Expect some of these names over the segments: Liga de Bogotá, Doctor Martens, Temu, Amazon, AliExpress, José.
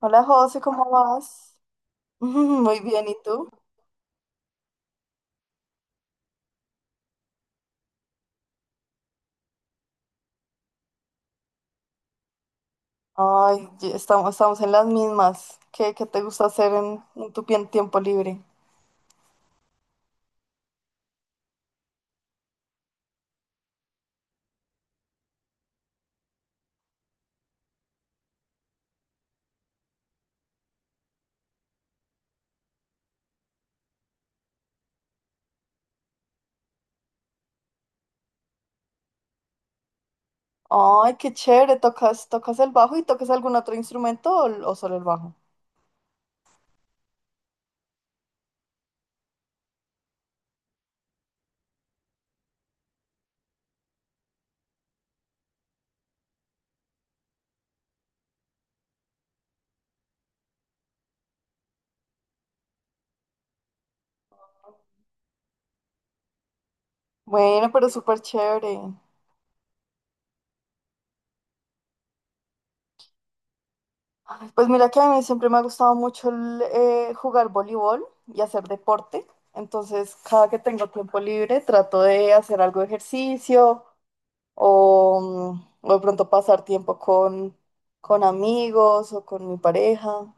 Hola José, ¿cómo vas? Muy bien, ¿y tú? Ay, estamos en las mismas. ¿Qué te gusta hacer en tu tiempo libre? Ay, qué chévere, ¿tocas el bajo y tocas algún otro instrumento o solo el bajo? Bueno, pero súper chévere. Ay, pues mira que a mí siempre me ha gustado mucho jugar voleibol y hacer deporte. Entonces, cada que tengo tiempo libre, trato de hacer algo de ejercicio o, o de pronto pasar tiempo con amigos o con mi pareja.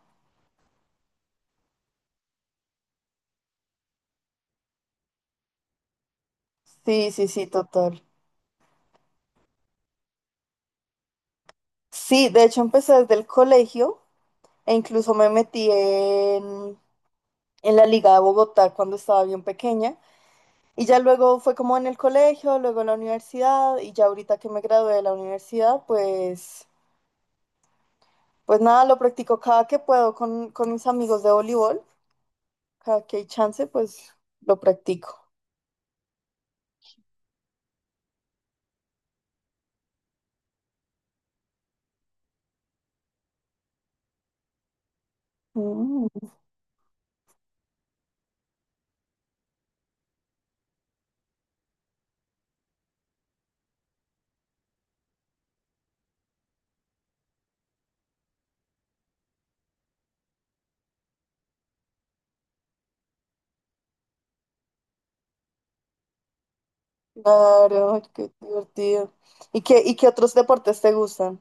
Sí, sí, sí, total. Sí, de hecho empecé desde el colegio e incluso me metí en la Liga de Bogotá cuando estaba bien pequeña. Y ya luego fue como en el colegio, luego en la universidad y ya ahorita que me gradué de la universidad, pues, pues nada, lo practico cada que puedo con mis amigos de voleibol. Cada que hay chance, pues lo practico. Mm. Claro, ay, qué divertido. ¿Y qué otros deportes te gustan?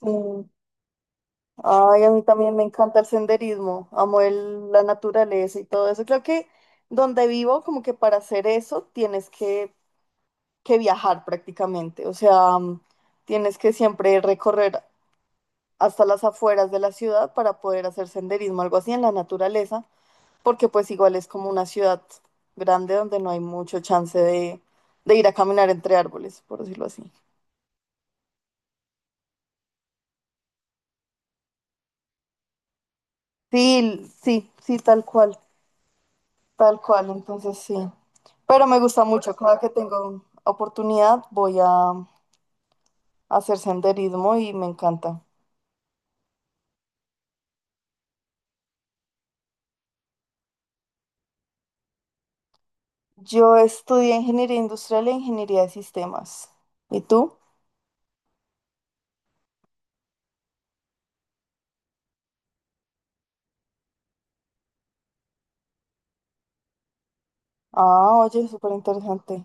Ujú, sí. Ay, a mí también me encanta el senderismo, amo la naturaleza y todo eso. Creo que donde vivo, como que para hacer eso, que viajar prácticamente. O sea, tienes que siempre recorrer hasta las afueras de la ciudad para poder hacer senderismo, algo así en la naturaleza. Porque pues igual es como una ciudad grande donde no hay mucho chance de ir a caminar entre árboles, por decirlo así. Sí, sí, sí, tal cual, entonces sí. Pero me gusta mucho, cada que tengo oportunidad voy a hacer senderismo y me encanta. Yo estudié ingeniería industrial e ingeniería de sistemas. ¿Y tú? Ah, oye, súper interesante.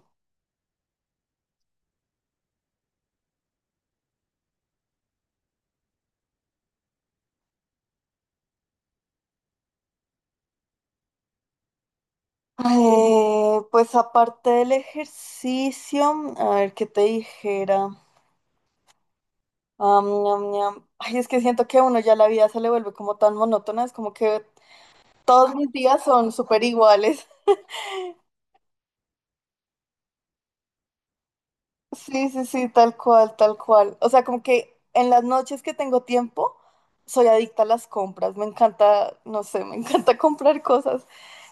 Pues aparte del ejercicio, a ver qué te dijera. Am, ñam, ñam. Ay, es que siento que a uno ya la vida se le vuelve como tan monótona, es como que todos mis días son súper iguales. Sí, sí, sí, tal cual, tal cual. O sea, como que en las noches que tengo tiempo, soy adicta a las compras. Me encanta, no sé, me encanta comprar cosas.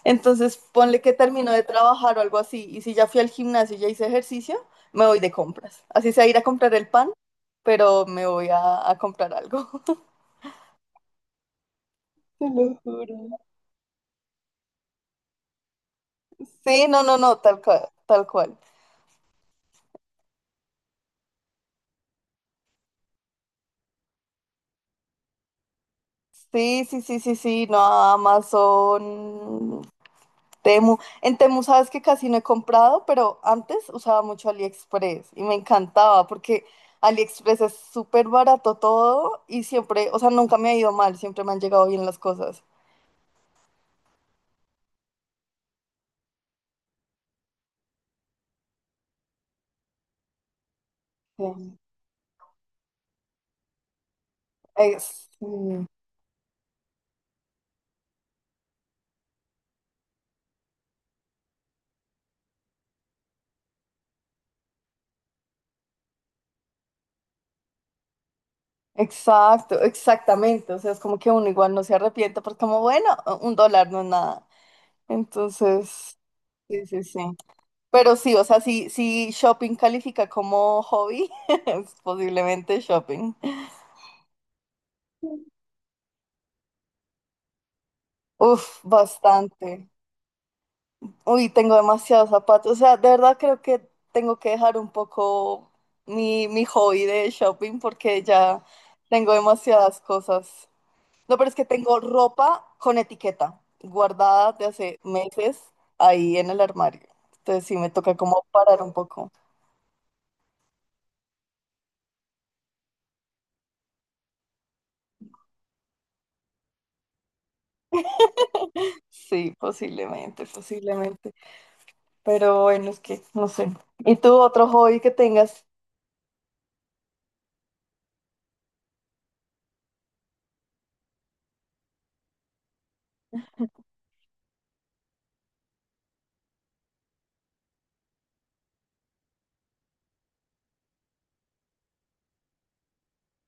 Entonces, ponle que termino de trabajar o algo así. Y si ya fui al gimnasio y ya hice ejercicio, me voy de compras. Así sea ir a comprar el pan, pero me voy a comprar algo. Te lo juro. Sí, no, no, no, tal cual, tal cual. Sí, sí, sí, sí, sí, no, Amazon, Temu. En Temu sabes que casi no he comprado, pero antes usaba mucho AliExpress y me encantaba porque AliExpress es súper barato todo y siempre, o sea, nunca me ha ido mal, siempre me han llegado bien las cosas. Sí. Ex- mm, exacto, exactamente. O sea, es como que uno igual no se arrepiente porque como, bueno, un dólar no es nada. Entonces, sí, sí, sí. Pero sí, o sea, si shopping califica como hobby, es posiblemente shopping. Uf, bastante. Uy, tengo demasiados zapatos. O sea, de verdad creo que tengo que dejar un poco mi hobby de shopping porque ya tengo demasiadas cosas. No, pero es que tengo ropa con etiqueta guardada de hace meses ahí en el armario. Entonces sí, me toca como parar un poco. Sí, posiblemente, posiblemente. Pero bueno, es que no sé. ¿Y tú otro hobby que tengas?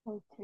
Ok,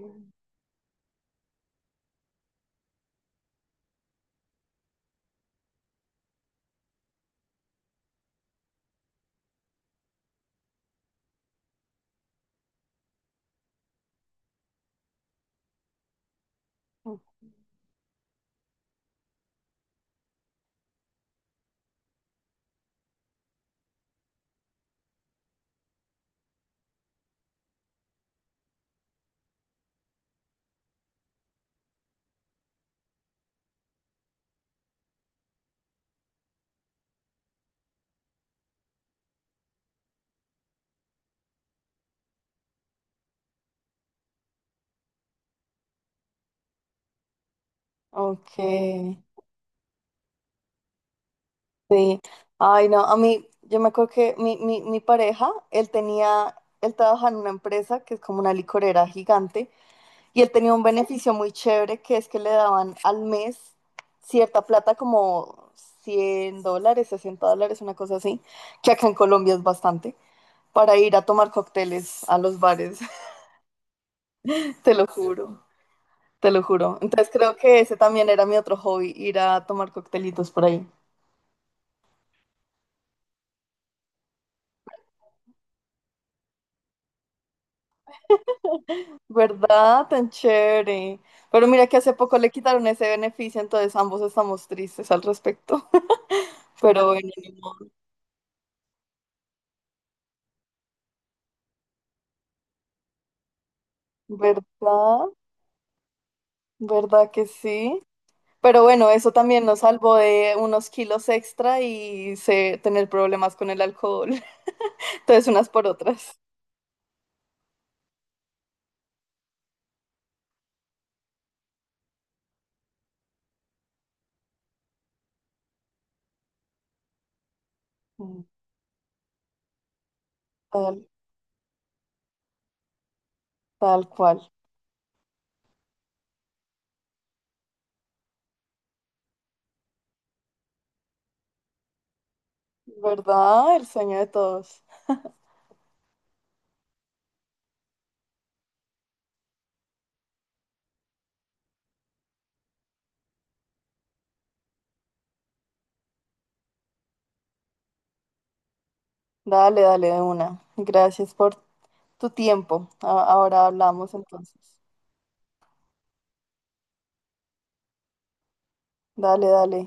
ok, sí. Ay, no, a mí, yo me acuerdo que mi pareja, él trabajaba en una empresa que es como una licorera gigante y él tenía un beneficio muy chévere que es que le daban al mes cierta plata como 100 dólares, 60 dólares, una cosa así, que acá en Colombia es bastante, para ir a tomar cócteles a los bares. Te lo juro. Te lo juro. Entonces creo que ese también era mi otro hobby, ir a tomar coctelitos por ahí. ¿Verdad? Tan chévere. Pero mira que hace poco le quitaron ese beneficio, entonces ambos estamos tristes al respecto. Pero bueno, ni modo. ¿Verdad? ¿Verdad que sí? Pero bueno, eso también nos salvó de unos kilos extra y tener problemas con el alcohol. Entonces unas por otras. Mm, tal, tal cual. ¿Verdad? El sueño de todos. Dale, dale de una. Gracias por tu tiempo. A- Ahora hablamos entonces. Dale, dale.